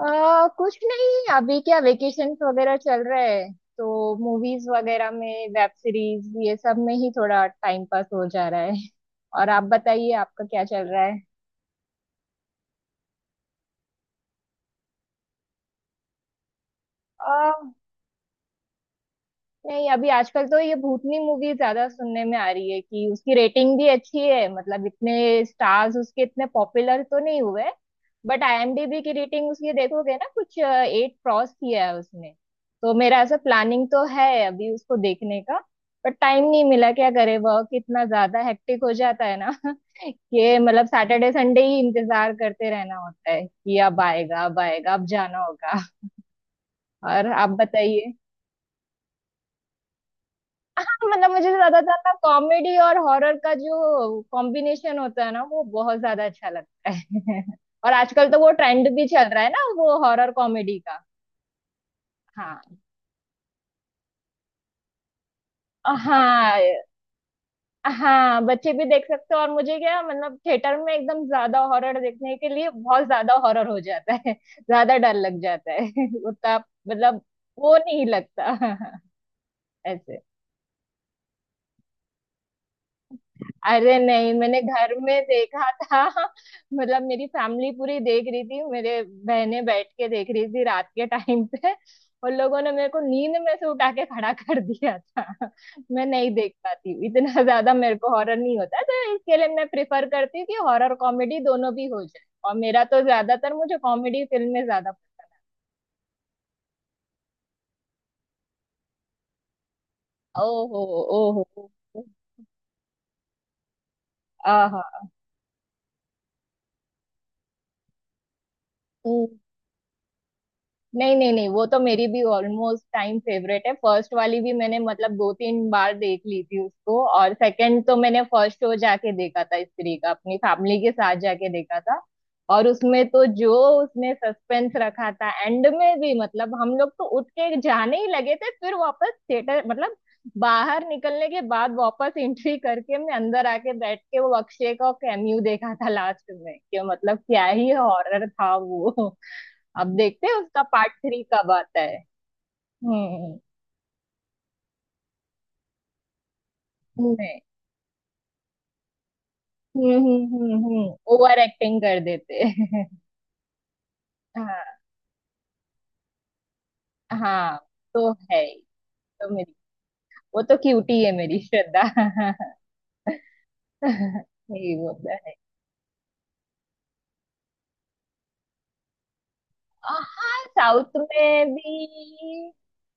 कुछ नहीं अभी क्या वेकेशंस वगैरह चल रहे हैं। तो मूवीज वगैरह में वेब सीरीज ये सब में ही थोड़ा टाइम पास हो जा रहा है। और आप बताइए आपका क्या चल रहा है। नहीं अभी आजकल तो ये भूतनी मूवी ज्यादा सुनने में आ रही है कि उसकी रेटिंग भी अच्छी है, मतलब इतने स्टार्स उसके इतने पॉपुलर तो नहीं हुए, बट आईएमडीबी की रेटिंग उसकी देखोगे ना, कुछ 8 क्रॉस किया है उसने। तो मेरा ऐसा प्लानिंग तो है अभी उसको देखने का, बट टाइम नहीं मिला, क्या करे, वर्क इतना ज्यादा हेक्टिक हो जाता है ना। कि मतलब सैटरडे संडे ही इंतजार करते रहना होता है कि अब आएगा अब आएगा अब जाना होगा। और आप बताइए। हाँ, मतलब मुझे ज्यादातर ना कॉमेडी और हॉरर का जो कॉम्बिनेशन होता है ना वो बहुत ज्यादा अच्छा लगता है। और आजकल तो वो ट्रेंड भी चल रहा है ना, वो हॉरर कॉमेडी का। हाँ। हाँ, हाँ बच्चे भी देख सकते हो, और मुझे क्या, मतलब थिएटर में एकदम ज्यादा हॉरर देखने के लिए बहुत ज्यादा हॉरर हो जाता है। ज्यादा डर लग जाता है। उतना मतलब वो नहीं लगता। ऐसे। अरे नहीं, मैंने घर में देखा था। मतलब मेरी फैमिली पूरी देख रही थी, मेरे बहनें बैठ के देख रही थी रात के टाइम पे। उन लोगों ने मेरे को नींद में से उठा के खड़ा कर दिया था। मैं नहीं देख पाती हूँ इतना। ज्यादा मेरे को हॉरर नहीं होता, तो इसके लिए मैं प्रिफर करती हूँ कि हॉरर कॉमेडी दोनों भी हो जाए। और मेरा तो ज्यादातर मुझे कॉमेडी फिल्में ज्यादा। ओहो। ओहो। आहा। नहीं नहीं नहीं, वो तो मेरी भी ऑलमोस्ट टाइम फेवरेट है। फर्स्ट वाली भी मैंने मतलब दो तीन बार देख ली थी उसको, और सेकंड तो मैंने फर्स्ट शो जाके देखा था स्त्री का, अपनी फैमिली के साथ जाके देखा था। और उसमें तो जो उसने सस्पेंस रखा था एंड में भी, मतलब हम लोग तो उठ के जाने ही लगे थे, फिर वापस थिएटर, मतलब बाहर निकलने के बाद वापस एंट्री करके, मैं अंदर आके बैठ के वो अक्षय का कैमियो देखा था लास्ट में। कि मतलब क्या ही हॉरर था वो। अब देखते हैं उसका पार्ट थ्री कब आता है। हम्म। नहीं हम्म ओवर एक्टिंग कर देते हैं। हाँ। हाँ तो है ही। तो मेरी वो तो क्यूटी है, मेरी श्रद्धा। यही वो तो है। आह, साउथ में भी।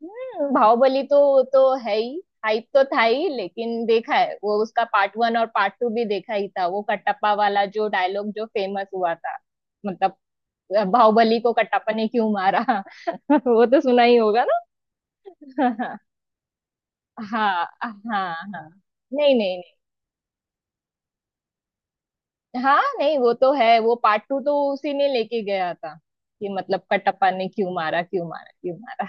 हम्म, बाहुबली तो है ही, हाइप तो था ही, लेकिन देखा है वो, उसका पार्ट वन और पार्ट टू भी देखा ही था। वो कटप्पा वाला जो डायलॉग जो फेमस हुआ था, मतलब बाहुबली को कट्टापा ने क्यों मारा। वो तो सुना ही होगा ना। हाँ, हाँ। हाँ। नहीं नहीं नहीं, हाँ नहीं वो तो है, वो पार्ट टू तो उसी ने लेके गया था, कि मतलब कटप्पा ने क्यों मारा क्यों मारा क्यों मारा।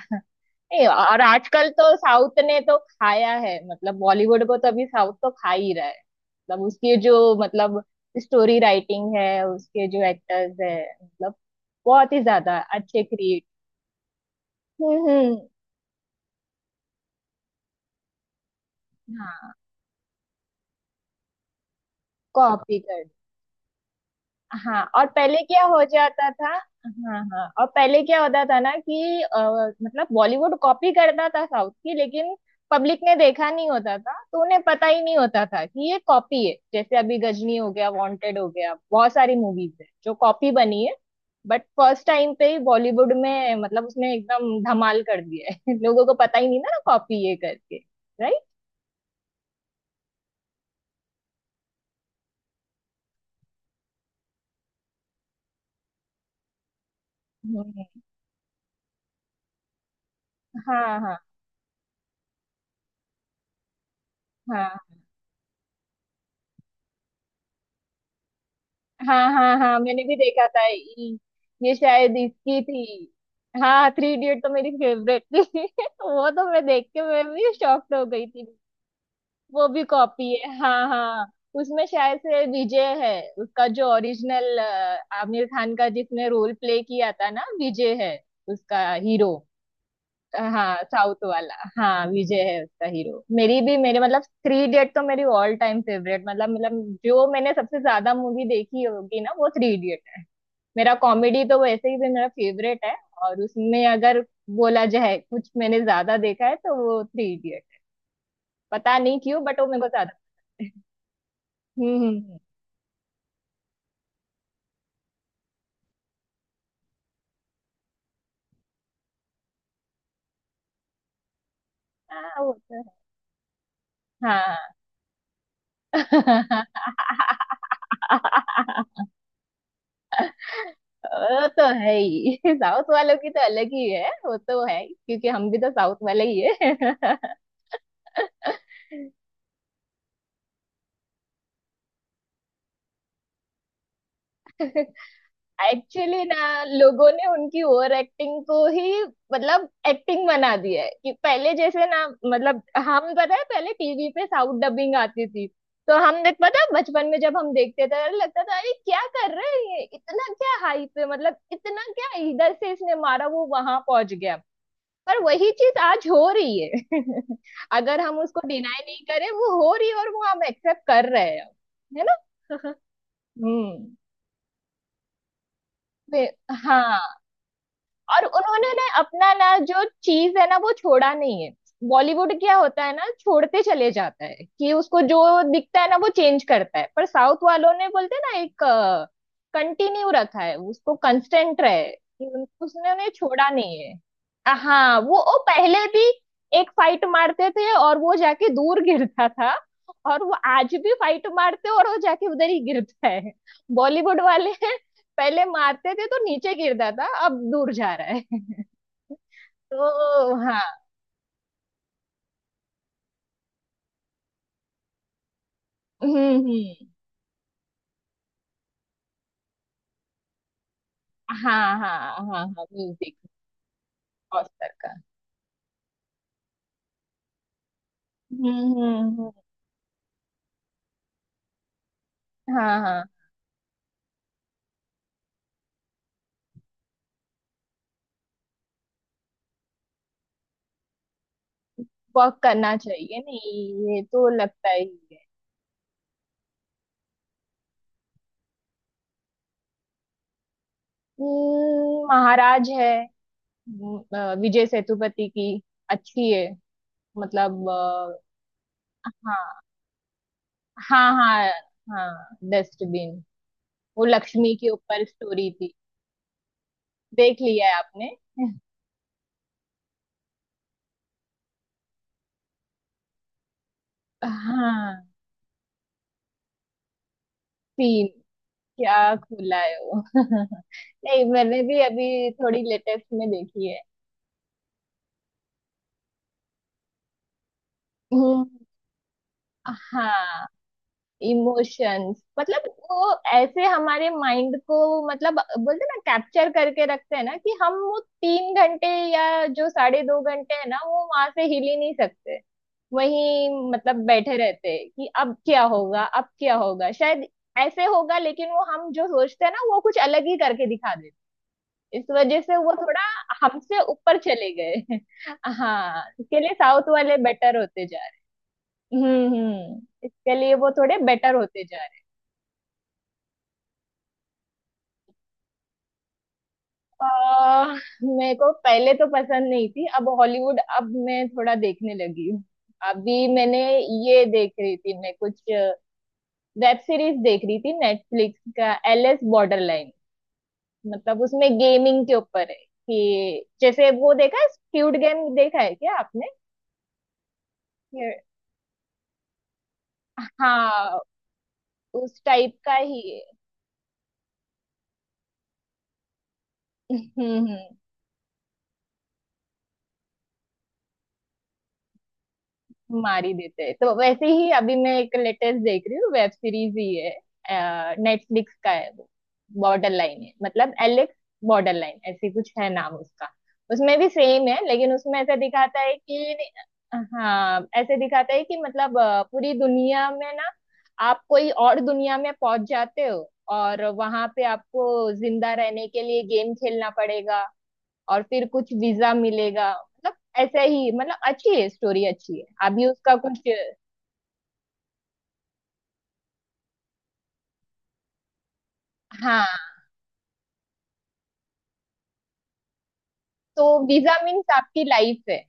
नहीं, और आजकल तो साउथ ने तो खाया है, मतलब बॉलीवुड को तो अभी साउथ तो खा ही रहा है। मतलब उसकी जो, मतलब स्टोरी राइटिंग है, उसके जो एक्टर्स है, मतलब बहुत ही ज्यादा अच्छे क्रिएट। हम्म, हम्म। हाँ। कॉपी कर हाँ और पहले क्या हो जाता था। हाँ हाँ, और पहले क्या होता था ना कि मतलब बॉलीवुड कॉपी करता था साउथ की, लेकिन पब्लिक ने देखा नहीं होता था, तो उन्हें पता ही नहीं होता था कि ये कॉपी है। जैसे अभी गजनी हो गया, वांटेड हो गया, बहुत सारी मूवीज है जो कॉपी बनी है। बट फर्स्ट टाइम पे ही बॉलीवुड में मतलब उसने एकदम धमाल कर दिया है। लोगों को पता ही नहीं था ना कॉपी ये करके। राइट। हाँ हाँ हाँ। हाँ हाँ हाँ, मैंने भी देखा था ये। ये शायद इसकी थी। हाँ, थ्री इडियट तो मेरी फेवरेट थी। वो तो मैं देख के मैं भी शॉक्ड हो गई थी। वो भी कॉपी है, हाँ हाँ। उसमें शायद से विजय है, उसका जो ओरिजिनल, आमिर खान का जिसने रोल प्ले किया था ना, विजय है उसका हीरो। हाँ साउथ वाला। हाँ विजय है उसका हीरो। मेरी भी, मेरे मतलब थ्री इडियट तो मेरी ऑल टाइम फेवरेट, मतलब मतलब जो मैंने सबसे ज्यादा मूवी देखी होगी ना वो थ्री। मेरा कॉमेडी तो वैसे ही भी मेरा फेवरेट है, और उसमें अगर बोला जाए कुछ मैंने ज्यादा देखा है तो वो थ्री इडियट। पता नहीं क्यों, बट वो मेरे को ज्यादा। हम्म हम्म हम्म। हाँ वो तो है। हाँ। वो तो है ही, साउथ वालों की तो अलग ही है, वो तो है ही, क्योंकि हम भी तो साउथ वाले ही है। एक्चुअली ना लोगों ने उनकी ओवर एक्टिंग को ही मतलब एक्टिंग बना दिया है। कि पहले जैसे ना, मतलब हम पता है पहले टीवी पे साउथ डबिंग आती थी, तो हम देख, पता है बचपन में जब हम देखते थे, अरे लगता था अरे क्या कर रहे हैं ये, इतना क्या हाइप है, मतलब इतना क्या, इधर से इसने मारा वो वहां पहुंच गया। पर वही चीज आज हो रही है। अगर हम उसको डिनाई नहीं करें, वो हो रही है और वो हम एक्सेप्ट कर रहे हैं। है ना। हाँ। हम्म। वे- हाँ, और उन्होंने ना अपना ना जो चीज है ना वो छोड़ा नहीं है। बॉलीवुड क्या होता है ना, छोड़ते चले जाता है कि उसको जो दिखता है ना वो चेंज करता है, पर साउथ वालों ने बोलते हैं ना एक कंटिन्यू रखा है उसको, कंस्टेंट रहे कि उसने उन्हें छोड़ा नहीं है। हाँ वो पहले भी एक फाइट मारते थे और वो जाके दूर गिरता था, और वो आज भी फाइट मारते और वो जाके उधर ही गिरता है। बॉलीवुड वाले पहले मारते थे तो नीचे गिरता था, अब दूर जा रहा है। तो हाँ। हम्म। हाँ हाँ। हाँ हाँ म्यूजिक, ऑस्कर का। हम्म हम्म हम्म, हाँ हाँ। वॉक करना चाहिए, नहीं ये तो लगता ही है। महाराज है। हम्म, विजय सेतुपति की, अच्छी है, मतलब हाँ हाँ। हाँ, हाँ डस्टबिन। वो लक्ष्मी के ऊपर स्टोरी थी। देख लिया है आपने। हाँ। तीन, क्या खुलाए हो। नहीं मैंने भी अभी थोड़ी लेटेस्ट में देखी है। हम्म, हाँ इमोशंस मतलब वो, ऐसे हमारे माइंड को मतलब बोलते हैं ना, कैप्चर करके रखते हैं ना, कि हम वो 3 घंटे या जो 2.5 घंटे है ना, वो वहां से हिल ही नहीं सकते। वही मतलब बैठे रहते हैं कि अब क्या होगा अब क्या होगा, शायद ऐसे होगा, लेकिन वो हम जो सोचते हैं ना वो कुछ अलग ही करके दिखा। इस वजह से वो थोड़ा हमसे ऊपर चले गए। हाँ इसके लिए साउथ वाले बेटर होते जा रहे। हम्म, इसके लिए वो थोड़े बेटर होते जा रहे। आ, मेरे को पहले तो पसंद नहीं थी, अब हॉलीवुड अब मैं थोड़ा देखने लगी हूँ। अभी मैंने ये देख रही थी, मैं कुछ वेब सीरीज देख रही थी, नेटफ्लिक्स का एल एस बॉर्डर लाइन, मतलब उसमें गेमिंग के ऊपर है। कि जैसे वो देखा है स्क्विड गेम, देखा है क्या आपने। ये- हाँ, उस टाइप का ही। हम्म। हम्म। मार ही देते हैं, तो वैसे ही अभी मैं एक लेटेस्ट देख रही हूँ, वेब सीरीज ही है, नेटफ्लिक्स का है वो। बॉर्डर लाइन है, मतलब एलेक्स बॉर्डर लाइन ऐसे कुछ है नाम उसका। उसमें भी सेम है, लेकिन उसमें ऐसा दिखाता है कि। हाँ ऐसे दिखाता है कि मतलब पूरी दुनिया में ना, आप कोई और दुनिया में पहुंच जाते हो, और वहां पे आपको जिंदा रहने के लिए गेम खेलना पड़ेगा, और फिर कुछ वीजा मिलेगा मतलब, ऐसा ही, मतलब अच्छी है, स्टोरी अच्छी है, अभी उसका कुछ। हाँ तो वीजा मीन्स आपकी लाइफ है।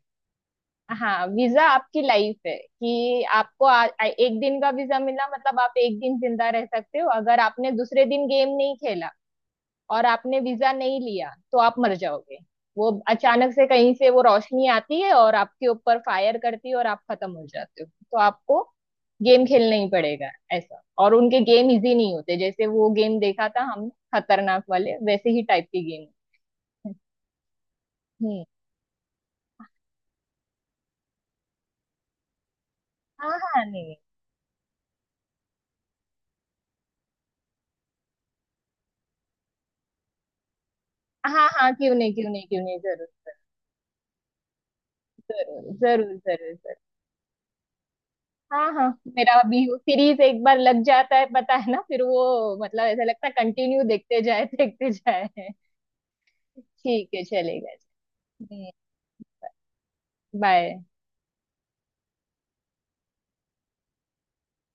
हाँ वीजा आपकी लाइफ है, कि आपको आ, आ- एक दिन का वीजा मिला, मतलब आप एक दिन जिंदा रह सकते हो। अगर आपने दूसरे दिन गेम नहीं खेला और आपने वीजा नहीं लिया तो आप मर जाओगे। वो अचानक से कहीं से वो रोशनी आती है और आपके ऊपर फायर करती है और आप खत्म हो जाते हो, तो आपको गेम खेलना ही पड़ेगा, ऐसा। और उनके गेम इजी नहीं होते, जैसे वो गेम देखा था हम, खतरनाक वाले वैसे ही टाइप के गेम। हम्म। हाँ हाँ नहीं। हाँ हाँ, क्यों नहीं क्यों नहीं क्यों नहीं, जरूर। जरूर जरूर जरूर जरूर। हाँ हाँ। मेरा भी वो सीरीज एक बार लग जाता है, पता है ना, फिर वो मतलब ऐसा लगता है कंटिन्यू देखते जाए देखते जाए। ठीक है चलेगा। हम्म, बाय।